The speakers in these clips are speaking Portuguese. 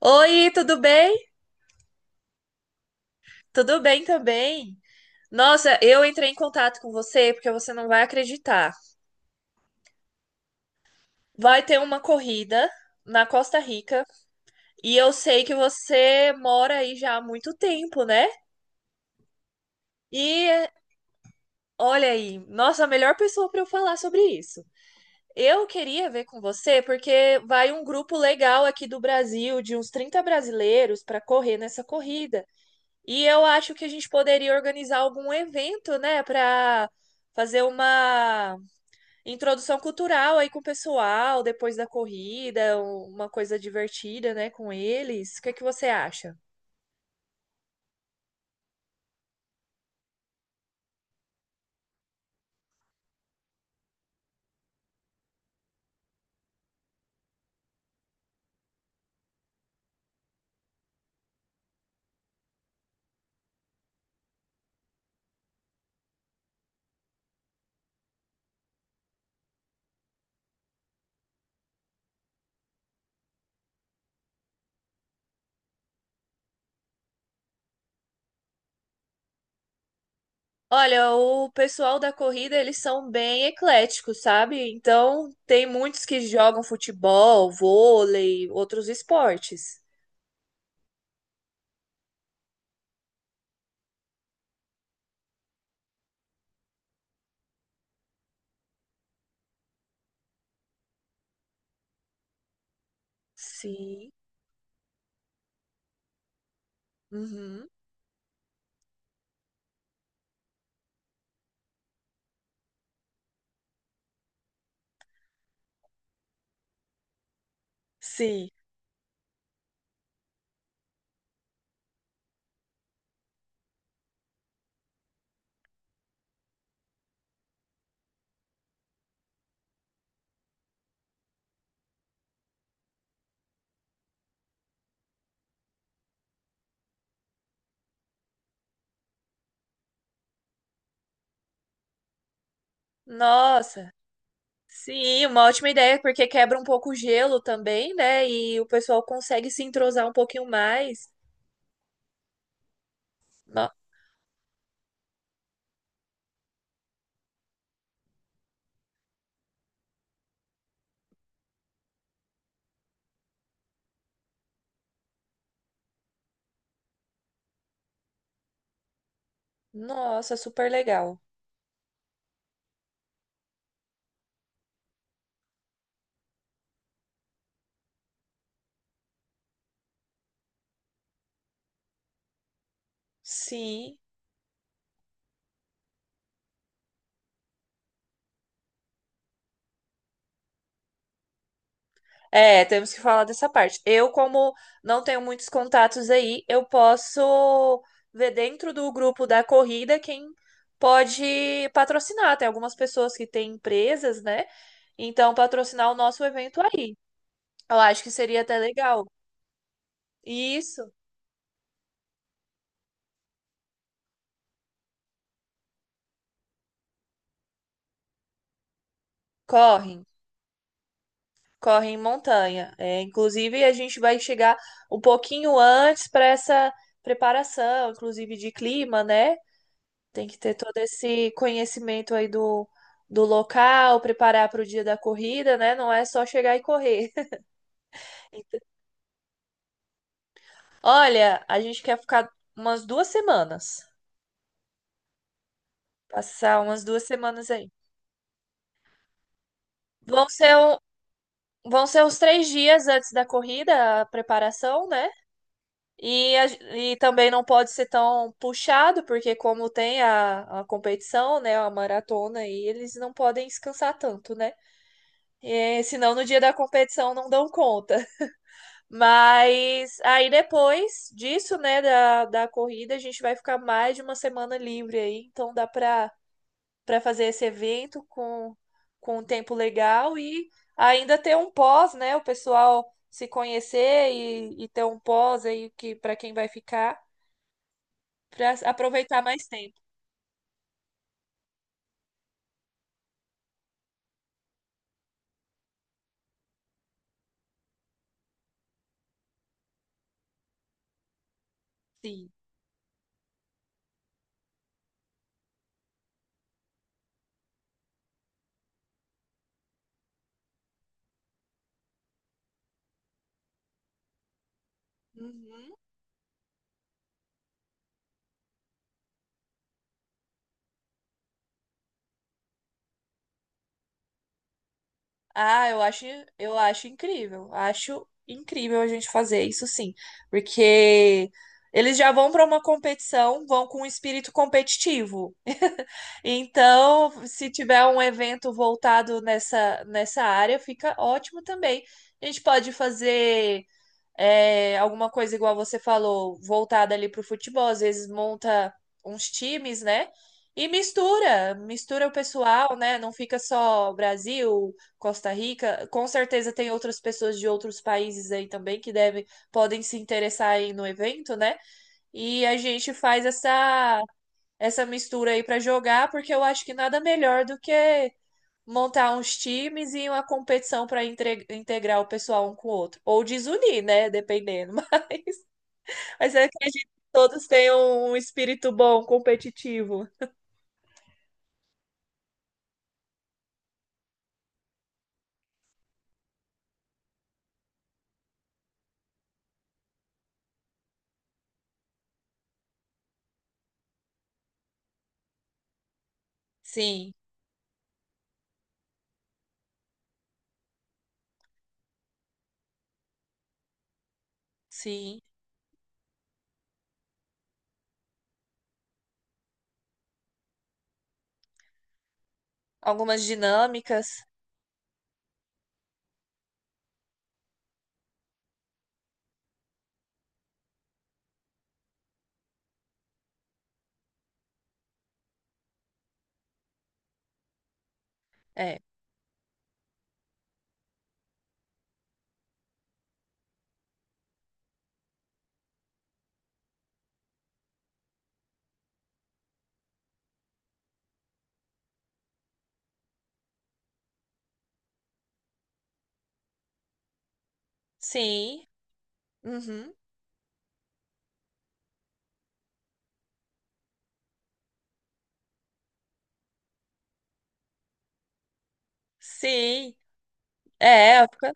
Oi, tudo bem? Tudo bem também. Nossa, eu entrei em contato com você porque você não vai acreditar. Vai ter uma corrida na Costa Rica e eu sei que você mora aí já há muito tempo, né? E olha aí, nossa, a melhor pessoa para eu falar sobre isso. Eu queria ver com você porque vai um grupo legal aqui do Brasil, de uns 30 brasileiros, para correr nessa corrida. E eu acho que a gente poderia organizar algum evento, né, para fazer uma introdução cultural aí com o pessoal depois da corrida, uma coisa divertida, né, com eles. O que é que você acha? Olha, o pessoal da corrida, eles são bem ecléticos, sabe? Então, tem muitos que jogam futebol, vôlei, outros esportes. Sim. Uhum. Sim. Nossa. Sim, uma ótima ideia, porque quebra um pouco o gelo também, né? E o pessoal consegue se entrosar um pouquinho mais. No- Nossa, super legal. Sim. É, temos que falar dessa parte. Eu, como não tenho muitos contatos aí, eu posso ver dentro do grupo da corrida quem pode patrocinar. Tem algumas pessoas que têm empresas, né? Então, patrocinar o nosso evento aí. Eu acho que seria até legal. Isso, correm. Corre em montanha. É, inclusive, a gente vai chegar um pouquinho antes para essa preparação, inclusive de clima, né? Tem que ter todo esse conhecimento aí do local, preparar para o dia da corrida, né? Não é só chegar e correr. Então, olha, a gente quer ficar umas 2 semanas, passar umas 2 semanas aí. Vão ser, um- vão ser os 3 dias antes da corrida, a preparação, né? E, a- e também não pode ser tão puxado, porque como tem a competição, né, a maratona, aí eles não podem descansar tanto, né? É, senão no dia da competição não dão conta. Mas aí depois disso, né, da corrida, a gente vai ficar mais de uma semana livre aí, então dá para fazer esse evento com um tempo legal e ainda ter um pós, né, o pessoal se conhecer e ter um pós aí que para quem vai ficar. Pra aproveitar mais tempo. Sim. Uhum. Ah, eu acho incrível. Acho incrível a gente fazer isso sim, porque eles já vão para uma competição, vão com um espírito competitivo. Então, se tiver um evento voltado nessa área, fica ótimo também. A gente pode fazer alguma coisa igual você falou, voltada ali para o futebol, às vezes monta uns times, né? E mistura, mistura o pessoal, né? Não fica só Brasil, Costa Rica. Com certeza tem outras pessoas de outros países aí também que devem, podem se interessar aí no evento, né? E a gente faz essa mistura aí para jogar, porque eu acho que nada melhor do que montar uns times e uma competição para integrar o pessoal um com o outro. Ou desunir, né? Dependendo. Mas, eu acredito que todos tenham um espírito bom, competitivo. Sim, sim. Algumas dinâmicas. É. Sim. Uhum. Sim. É, fica-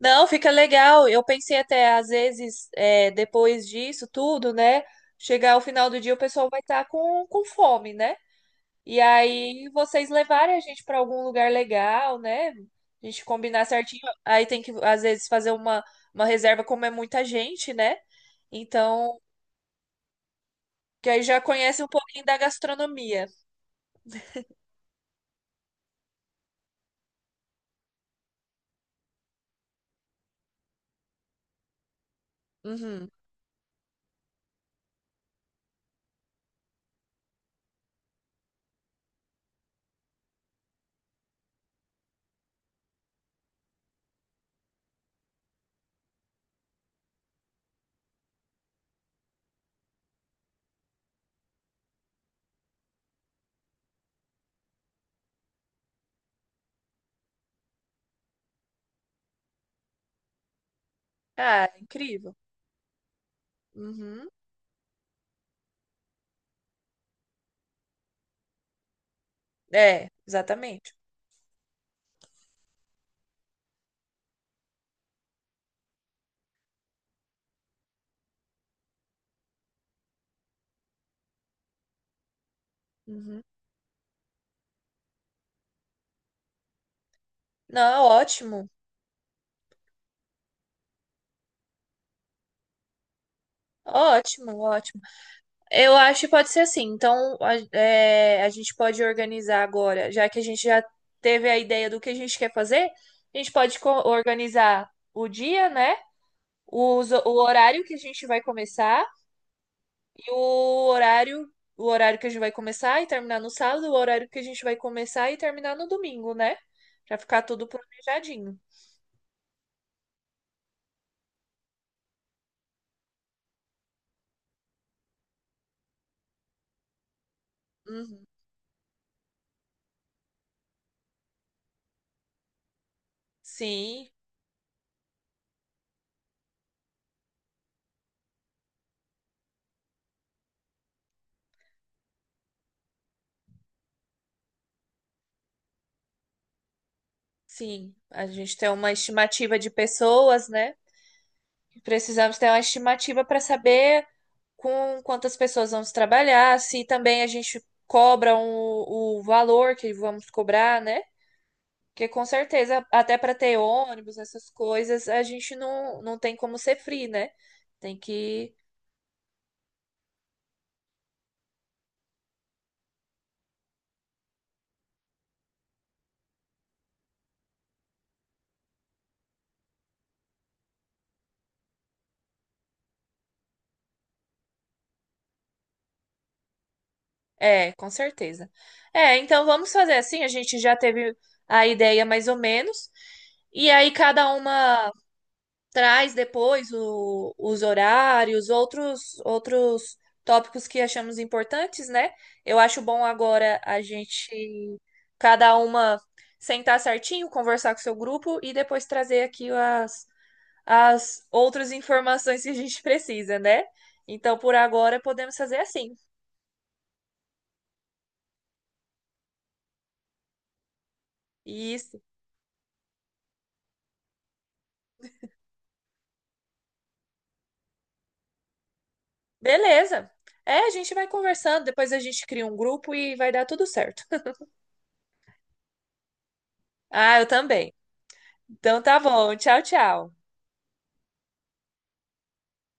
Não, fica legal. Eu pensei até, às vezes, depois disso tudo, né? Chegar ao final do dia, o pessoal vai estar com fome, né? E aí vocês levarem a gente para algum lugar legal, né? A gente combinar certinho. Aí tem que, às vezes, fazer uma reserva, como é muita gente, né? Então, que aí já conhece um pouquinho da gastronomia. Uhum. Ah, é incrível. Uhum. É, exatamente. Uhum. Não, ótimo. Ótimo, ótimo. Eu acho que pode ser assim. Então, a gente pode organizar agora, já que a gente já teve a ideia do que a gente quer fazer, a gente pode organizar o dia, né? O horário que a gente vai começar e o horário que a gente vai começar e terminar no sábado, o horário que a gente vai começar e terminar no domingo, né? Pra ficar tudo planejadinho. Uhum. Sim, sim. A gente tem uma estimativa de pessoas, né? Precisamos ter uma estimativa para saber com quantas pessoas vamos trabalhar, se também a gente cobra o valor que vamos cobrar, né? Porque com certeza, até para ter ônibus, essas coisas, a gente não tem como ser free, né? Tem que. É, com certeza. É, então vamos fazer assim, a gente já teve a ideia mais ou menos. E aí cada uma traz depois os horários, outros tópicos que achamos importantes, né? Eu acho bom agora a gente, cada uma, sentar certinho, conversar com o seu grupo e depois trazer aqui as outras informações que a gente precisa, né? Então, por agora, podemos fazer assim. Isso. Beleza. É, a gente vai conversando, depois a gente cria um grupo e vai dar tudo certo. Ah, eu também. Então tá bom. Tchau, tchau.